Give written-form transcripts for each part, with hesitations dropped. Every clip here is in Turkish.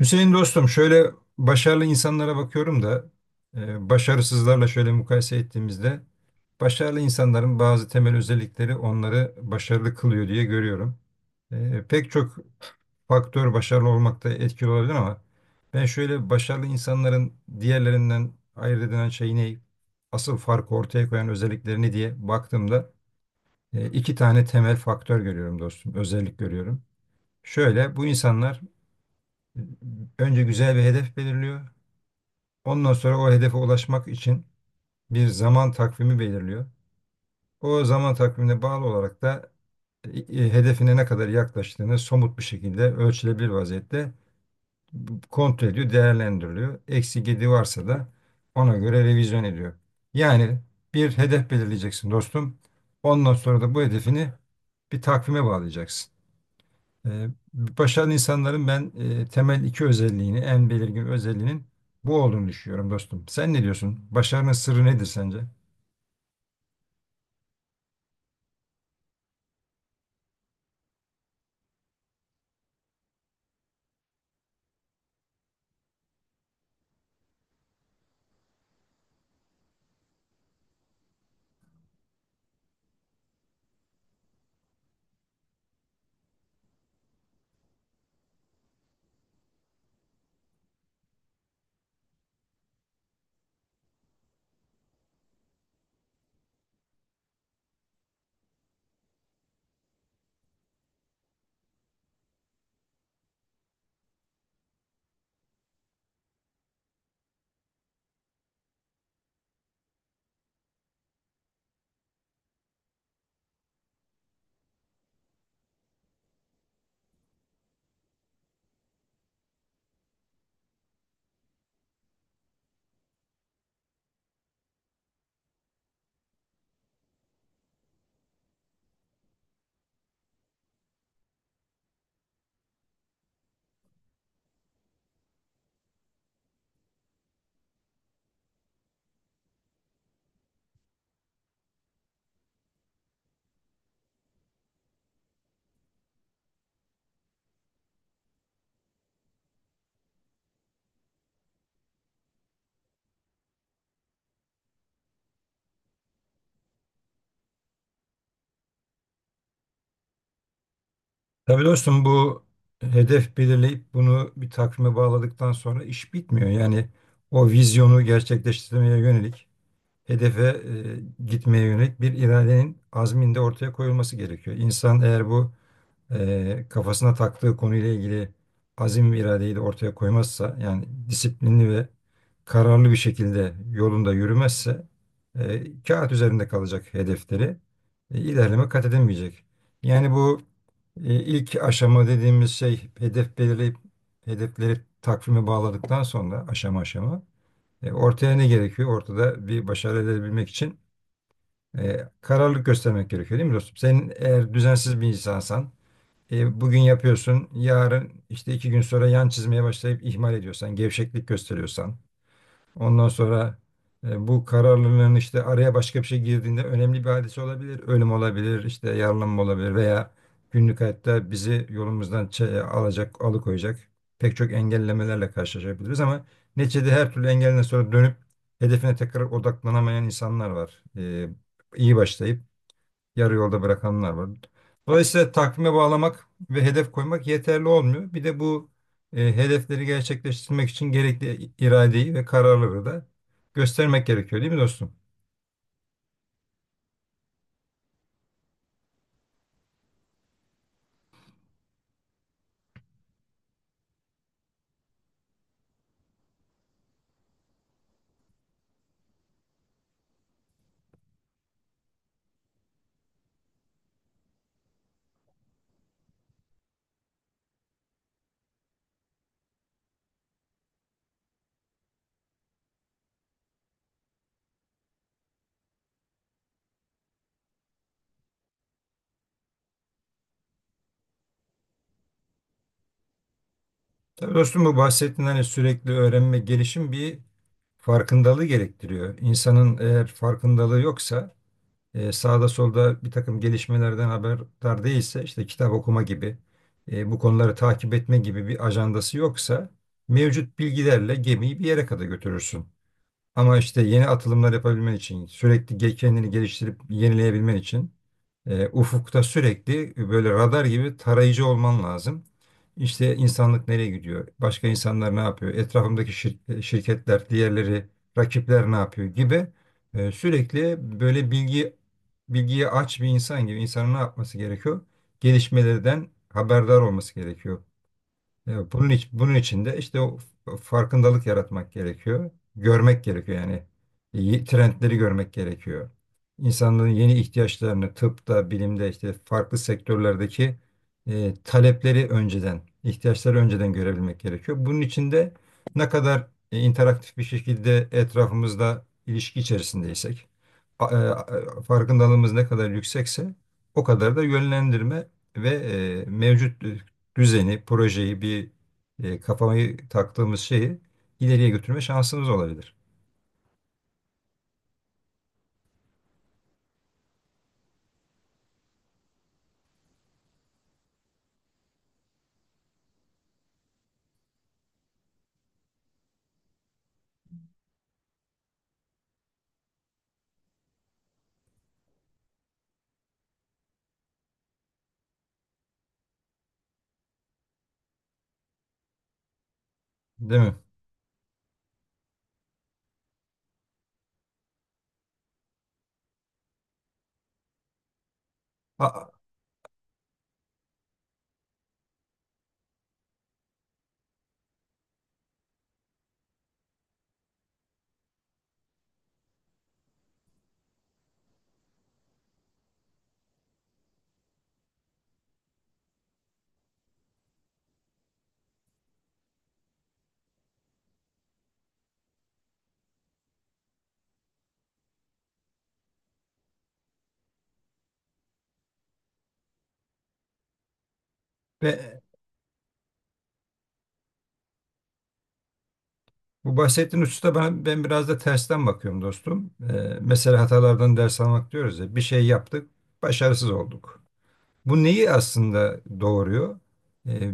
Hüseyin dostum şöyle başarılı insanlara bakıyorum da başarısızlarla şöyle mukayese ettiğimizde başarılı insanların bazı temel özellikleri onları başarılı kılıyor diye görüyorum. Pek çok faktör başarılı olmakta etkili olabilir ama ben şöyle başarılı insanların diğerlerinden ayırt edilen şey ne, asıl farkı ortaya koyan özelliklerini diye baktığımda iki tane temel faktör görüyorum dostum, özellik görüyorum. Şöyle, bu insanlar önce güzel bir hedef belirliyor. Ondan sonra o hedefe ulaşmak için bir zaman takvimi belirliyor. O zaman takvimine bağlı olarak da hedefine ne kadar yaklaştığını somut bir şekilde ölçülebilir vaziyette kontrol ediyor, değerlendiriliyor. Eksi gidi varsa da ona göre revizyon ediyor. Yani bir hedef belirleyeceksin dostum. Ondan sonra da bu hedefini bir takvime bağlayacaksın. Ee, Başarılı insanların ben temel iki özelliğini, en belirgin özelliğinin bu olduğunu düşünüyorum dostum. Sen ne diyorsun? Başarının sırrı nedir sence? Tabii dostum, bu hedef belirleyip bunu bir takvime bağladıktan sonra iş bitmiyor. Yani o vizyonu gerçekleştirmeye yönelik, hedefe gitmeye yönelik bir iradenin azminde ortaya koyulması gerekiyor. İnsan eğer bu kafasına taktığı konuyla ilgili azim ve iradeyi de ortaya koymazsa, yani disiplinli ve kararlı bir şekilde yolunda yürümezse kağıt üzerinde kalacak hedefleri ilerleme kat edemeyecek. Yani bu ilk aşama dediğimiz şey, hedef belirleyip hedefleri takvime bağladıktan sonra aşama aşama ortaya ne gerekiyor? Ortada bir başarı elde edebilmek için kararlılık göstermek gerekiyor değil mi dostum? Sen eğer düzensiz bir insansan, bugün yapıyorsun, yarın işte iki gün sonra yan çizmeye başlayıp ihmal ediyorsan, gevşeklik gösteriyorsan, ondan sonra bu kararlılığın işte, araya başka bir şey girdiğinde önemli bir hadise olabilir, ölüm olabilir, işte yaralanma olabilir veya günlük hayatta bizi yolumuzdan alacak, alıkoyacak pek çok engellemelerle karşılaşabiliriz ama neticede her türlü engelden sonra dönüp hedefine tekrar odaklanamayan insanlar var. İyi başlayıp yarı yolda bırakanlar var. Dolayısıyla takvime bağlamak ve hedef koymak yeterli olmuyor. Bir de bu hedefleri gerçekleştirmek için gerekli iradeyi ve kararlılığı da göstermek gerekiyor değil mi dostum? Tabii dostum, bu bahsettiğin hani sürekli öğrenme, gelişim bir farkındalığı gerektiriyor. İnsanın eğer farkındalığı yoksa, sağda solda bir takım gelişmelerden haberdar değilse, işte kitap okuma gibi, bu konuları takip etme gibi bir ajandası yoksa mevcut bilgilerle gemiyi bir yere kadar götürürsün. Ama işte yeni atılımlar yapabilmen için, sürekli kendini geliştirip yenileyebilmen için ufukta sürekli böyle radar gibi tarayıcı olman lazım. İşte insanlık nereye gidiyor? Başka insanlar ne yapıyor? Etrafımdaki şirketler, diğerleri, rakipler ne yapıyor gibi, sürekli böyle bilgiye aç bir insan gibi insanın ne yapması gerekiyor? Gelişmelerden haberdar olması gerekiyor. Evet, Bunun için de işte o farkındalık yaratmak gerekiyor. Görmek gerekiyor yani. Trendleri görmek gerekiyor. İnsanların yeni ihtiyaçlarını tıpta, bilimde, işte farklı sektörlerdeki talepleri önceden, ihtiyaçları önceden görebilmek gerekiyor. Bunun için de ne kadar interaktif bir şekilde etrafımızda ilişki içerisindeysek, farkındalığımız ne kadar yüksekse o kadar da yönlendirme ve mevcut düzeni, projeyi, bir kafamı taktığımız şeyi ileriye götürme şansımız olabilir. Değil mi? Aa, ve bu bahsettiğin hususta ben biraz da tersten bakıyorum dostum. Mesela hatalardan ders almak diyoruz ya, bir şey yaptık, başarısız olduk. Bu neyi aslında doğuruyor? Ee,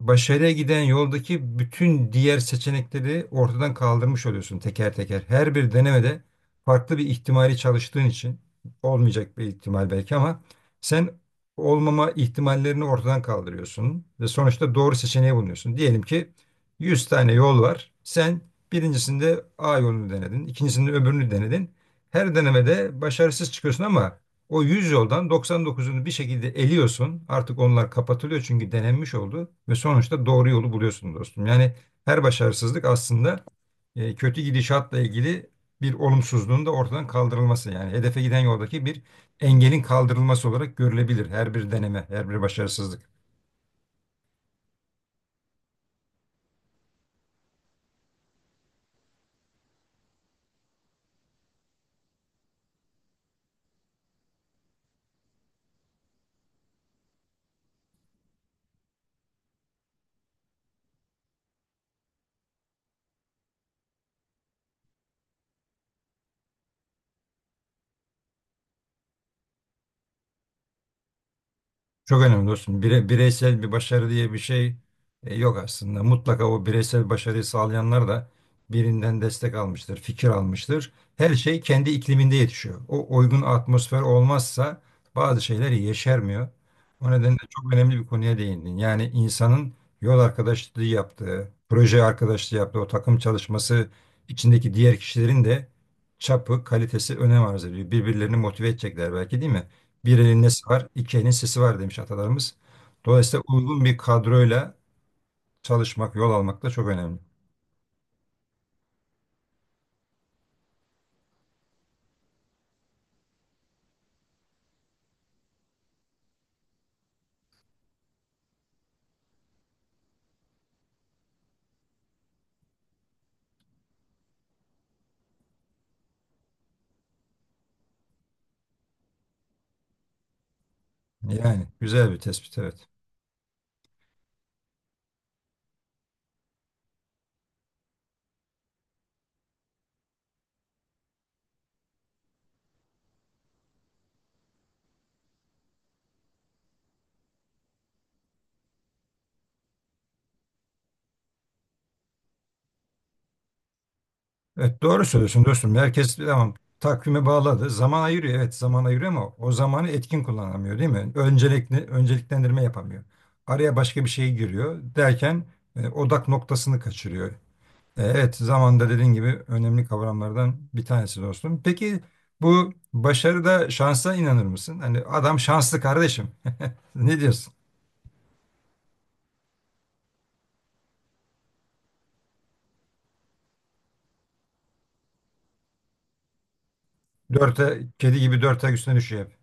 Başarıya giden yoldaki bütün diğer seçenekleri ortadan kaldırmış oluyorsun teker teker. Her bir denemede farklı bir ihtimali çalıştığın için, olmayacak bir ihtimal belki ama sen olmama ihtimallerini ortadan kaldırıyorsun ve sonuçta doğru seçeneği bulunuyorsun. Diyelim ki 100 tane yol var. Sen birincisinde A yolunu denedin, ikincisinde öbürünü denedin. Her denemede başarısız çıkıyorsun ama o 100 yoldan 99'unu bir şekilde eliyorsun. Artık onlar kapatılıyor çünkü denenmiş oldu ve sonuçta doğru yolu buluyorsun dostum. Yani her başarısızlık aslında kötü gidişatla ilgili bir olumsuzluğun da ortadan kaldırılması. Yani hedefe giden yoldaki bir engelin kaldırılması olarak görülebilir her bir deneme, her bir başarısızlık. Çok önemli dostum. Bireysel bir başarı diye bir şey yok aslında. Mutlaka o bireysel başarıyı sağlayanlar da birinden destek almıştır, fikir almıştır. Her şey kendi ikliminde yetişiyor. O uygun atmosfer olmazsa bazı şeyler yeşermiyor. O nedenle çok önemli bir konuya değindin. Yani insanın yol arkadaşlığı yaptığı, proje arkadaşlığı yaptığı, o takım çalışması içindeki diğer kişilerin de çapı, kalitesi önem arz ediyor. Birbirlerini motive edecekler belki değil mi? Bir elin nesi var, iki elin sesi var demiş atalarımız. Dolayısıyla uygun bir kadroyla çalışmak, yol almak da çok önemli. Yani güzel bir tespit, evet. Evet, doğru söylüyorsun dostum. Herkes tamam, takvime bağladı. Zaman ayırıyor, evet zaman ayırıyor ama o zamanı etkin kullanamıyor değil mi? Öncelikli, önceliklendirme yapamıyor. Araya başka bir şey giriyor derken odak noktasını kaçırıyor. Evet, zamanda dediğin gibi önemli kavramlardan bir tanesi dostum. Peki bu başarıda şansa inanır mısın? Hani adam şanslı kardeşim. Ne diyorsun? Kedi gibi dört ayak üstüne düşüyor hep.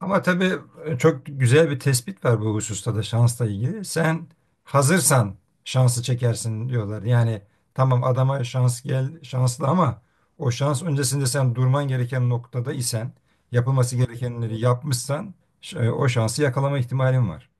Ama tabii çok güzel bir tespit var bu hususta da şansla ilgili. Sen hazırsan şansı çekersin diyorlar. Yani tamam, adama şans gel şanslı ama o şans öncesinde sen durman gereken noktada isen, yapılması gerekenleri yapmışsan o şansı yakalama ihtimalin var.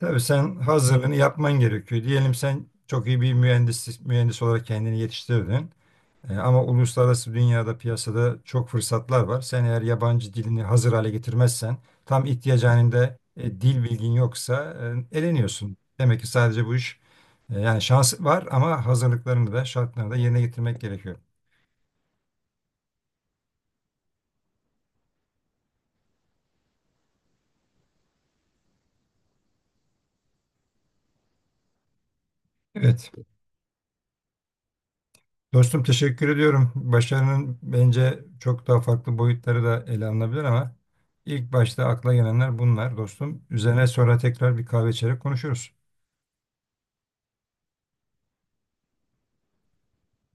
Tabii sen hazırlığını yapman gerekiyor. Diyelim sen çok iyi bir mühendis olarak kendini yetiştirdin. Ama uluslararası dünyada, piyasada çok fırsatlar var. Sen eğer yabancı dilini hazır hale getirmezsen, tam ihtiyaç halinde dil bilgin yoksa eleniyorsun. Demek ki sadece bu iş yani şans var ama hazırlıklarını da şartlarını da yerine getirmek gerekiyor. Evet. Dostum teşekkür ediyorum. Başarının bence çok daha farklı boyutları da ele alınabilir ama ilk başta akla gelenler bunlar dostum. Üzerine sonra tekrar bir kahve içerek konuşuruz.